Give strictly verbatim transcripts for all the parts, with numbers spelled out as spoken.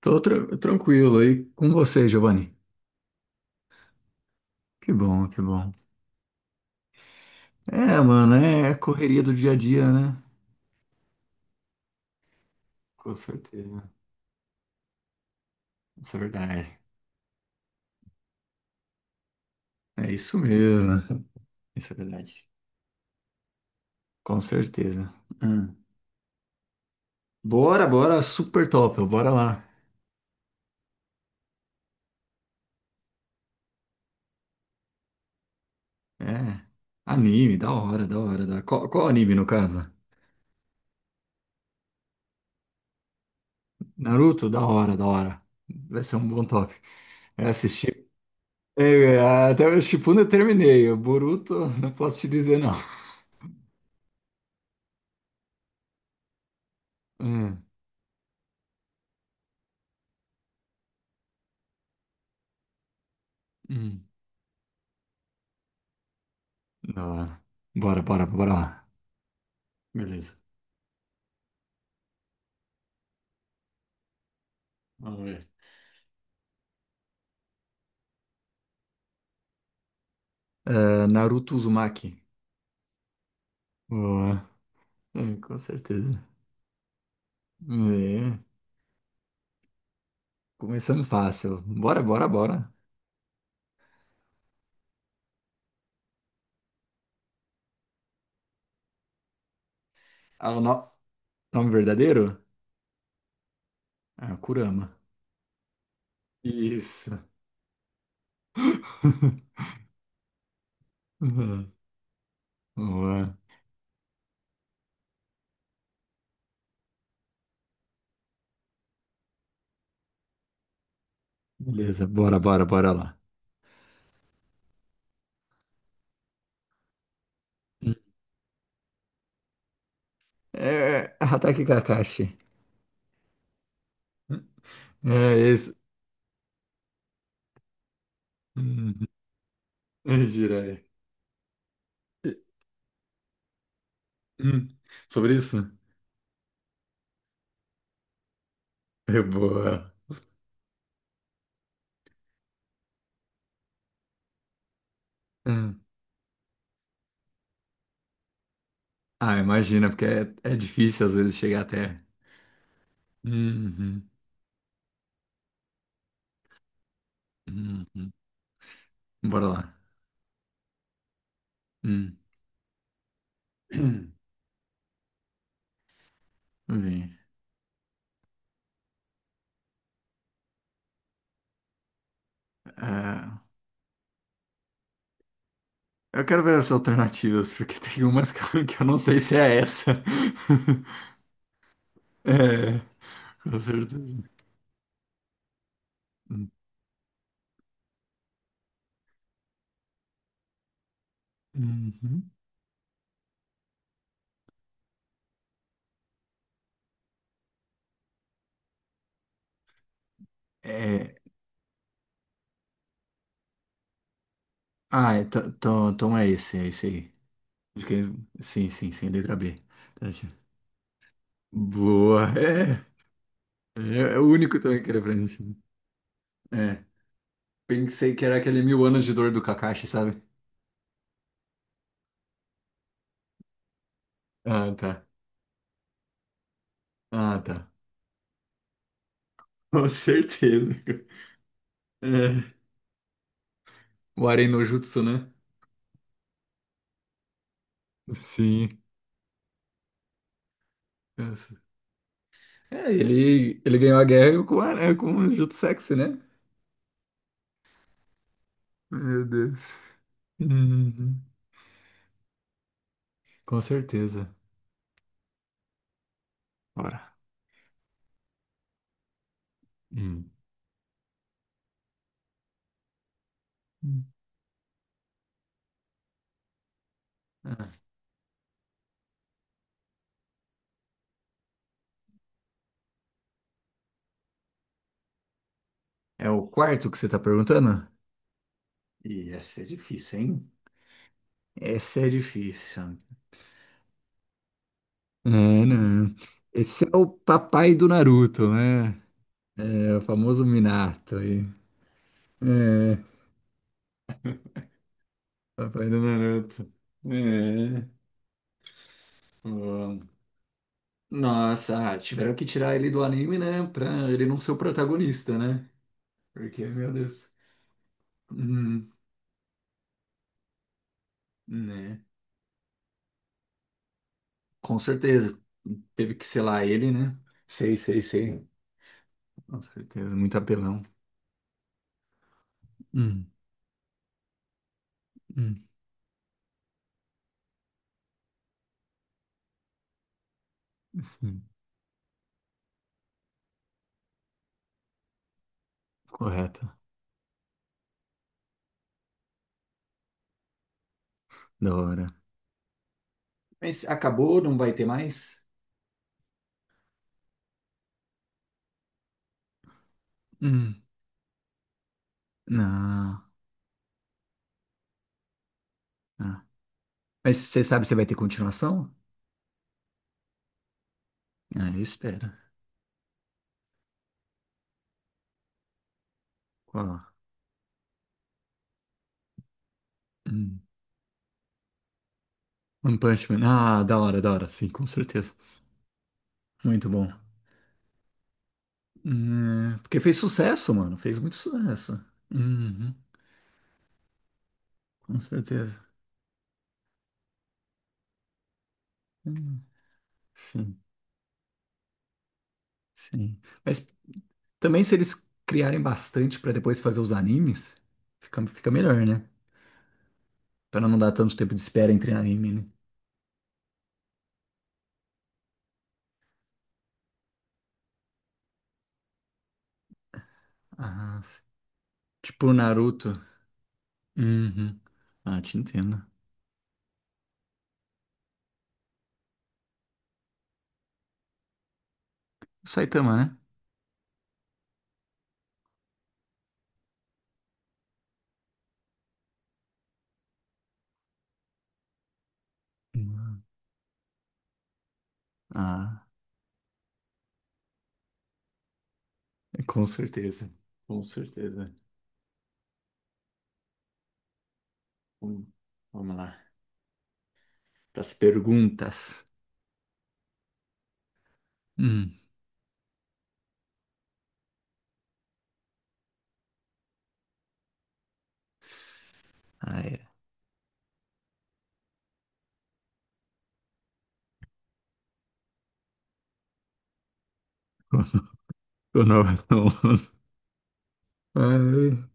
Tô tra- tranquilo aí com você, Giovanni. Que bom, que bom. É, mano, é correria do dia a dia, né? Com certeza. Isso é verdade. É isso mesmo. Isso é verdade. Com certeza. Hum. Bora, bora, super top, bora lá. É, anime, da hora, da hora, da hora. Qual, qual anime, no caso? Naruto, da hora, da hora. Vai ser um bom top. Eu assisti. É, até o Shippuden eu terminei. O Boruto, não posso te dizer não. É. Hum. Da hora. Bora, bora, bora lá. Beleza. Vamos ver. É, Naruto Uzumaki. Boa. É, com certeza. É, começando fácil. Bora, bora, bora. Ah, o no- nome verdadeiro? Ah, Kurama. Isso. Uhum. Boa. Beleza, bora, bora, bora lá. É, Hatake Kakashi. É, isso. Uhum. É, Jiraiya. Hum, Sobre isso? É boa. Ah, imagina, porque é, é difícil às vezes chegar até. Uhum, uhum. Bora lá. Hum. Vem. Ah, eu quero ver as alternativas, porque tem umas que eu, que eu não sei se é essa. É, com certeza. Hum, Uhum. É, ah, é, to- to- toma esse, é esse aí. Acho que é- sim, sim, sim, letra B. Tá, boa, é. É, é o único também que era pra gente. É, pensei que era aquele mil anos de dor do Kakashi, sabe? Ah, tá. Ah, tá. Com certeza. É. O Aren no Jutsu, né? Sim. Nossa. É, ele, ele ganhou a guerra com, o Aren- com o Jutsu Sexy, né? Meu Deus. Uhum. Com certeza. Bora. Hum. Hum. Ah, é o quarto que você tá perguntando? E essa é difícil, hein? Essa é difícil. É, né? Esse é o papai do Naruto, né? É o famoso Minato aí. É. Papai do Naruto. É. Bom. Nossa, ah, tiveram que tirar ele do anime, né? Pra ele não ser o protagonista, né? Porque, meu Deus. Uhum, né? Com certeza. Teve que selar ele, né? Sei, sei, sei. Com certeza, muito apelão. Hum, hum, hum. Correto. Da hora. Mas acabou, não vai ter mais? Hum. Não, não. Mas você sabe se vai ter continuação? Ah, eu espero. Qual? Hum. One Punch Man. Ah, da hora, da hora. Sim, com certeza. Muito bom. Hum, é, porque fez sucesso, mano. Fez muito sucesso. Uhum, com certeza. Hum, sim, sim. Mas também se eles criarem bastante pra depois fazer os animes, fica, fica melhor, né? Pra não dar tanto tempo de espera entre anime, né? Ah, sim. Tipo Naruto. Uhum. Ah, te entendo. O Saitama, né? Uhum. Ah, com certeza. Com certeza. Hum, Vamos lá. Pras perguntas. Hum. Ah, é. Eu não, não, ah, é.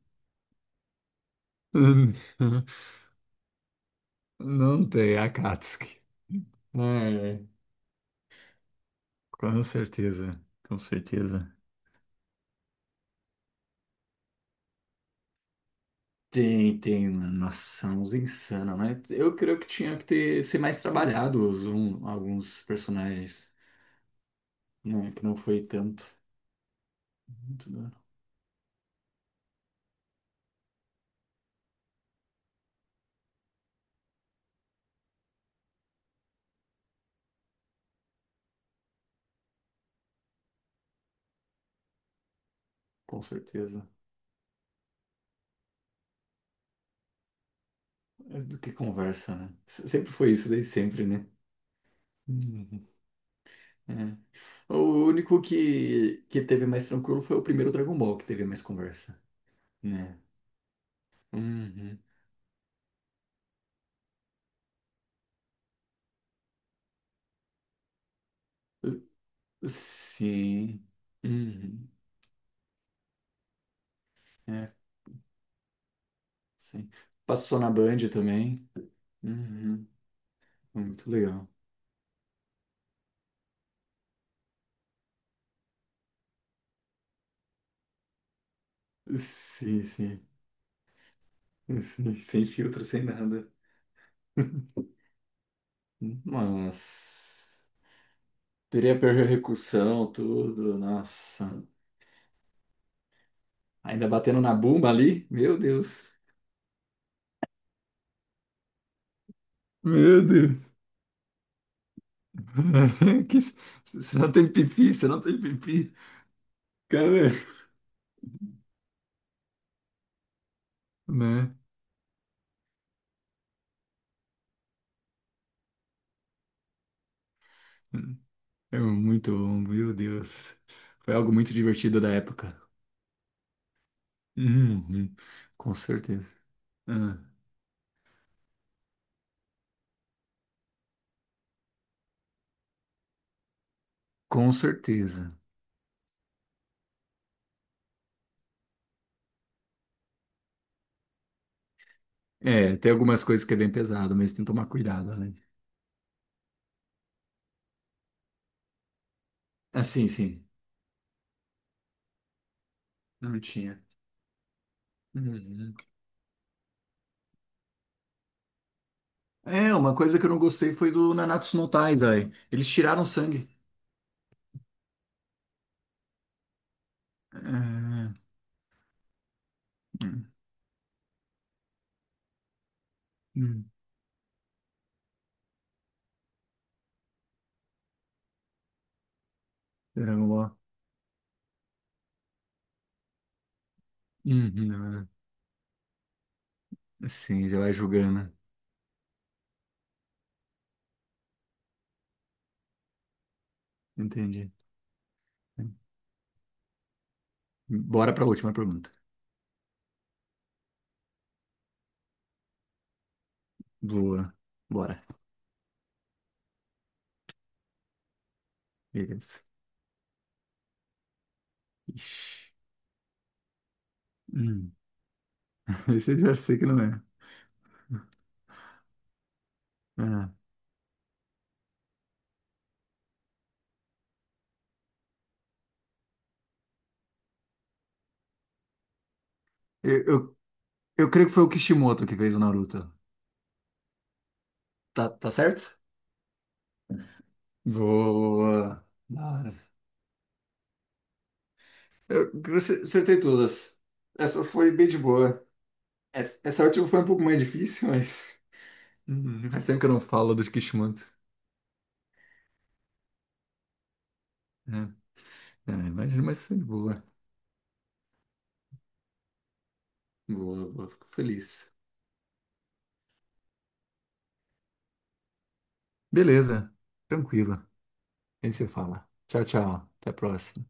Não tem Akatsuki. Ah, é. Com certeza, com certeza. Tem, tem, mano. Nossa, uns insano, né? Eu creio que tinha que ter, ser mais trabalhado os- um- alguns personagens. Não, que não foi tanto. Muito, né? Com certeza. É do que conversa, né? S- Sempre foi isso, desde sempre, né? Uhum. É. O único que, que teve mais tranquilo foi o primeiro Dragon Ball, que teve mais conversa, né? Uhum. Uh, Sim. Uhum. É, sim. Passou na Band também. Uhum. Muito legal. Sim, sim. Sim, sem filtro, sem nada. Nossa. Teria percussão, tudo. Nossa. Ainda batendo na bumba ali? Meu Deus. Meu Deus. Que isso? Você não tem pipi, você não tem pipi. Cara, né? É muito bom, meu Deus. Foi algo muito divertido da época. Uhum, com certeza. Ah, com certeza. É, tem algumas coisas que é bem pesado, mas tem que tomar cuidado, né? Ah, sim, sim. Não tinha. Uhum. É, uma coisa que eu não gostei foi do Nanatsu no Taizai. Eles tiraram sangue. Ah, hum, Dragon Ball. Uhum, ah, sim, já vai julgando. Entendi. Bora pra última pergunta. Boa. Bora. Beleza. Ixi. Hum. Esse eu já sei que não é. Ah. Eu, eu, eu creio que foi o Kishimoto que fez o Naruto. Tá, tá certo? Boa. Da hora. Eu, eu acer- acertei todas. Essa foi bem de boa. Essa, essa última foi um pouco mais difícil, mas. Hum, Faz tempo que eu não falo dos Kishimoto. Né? Ah, imagino, mas foi de boa. Boa, boa. Fico feliz. Beleza. Tranquilo. Aí se fala. Tchau, tchau. Até a próxima.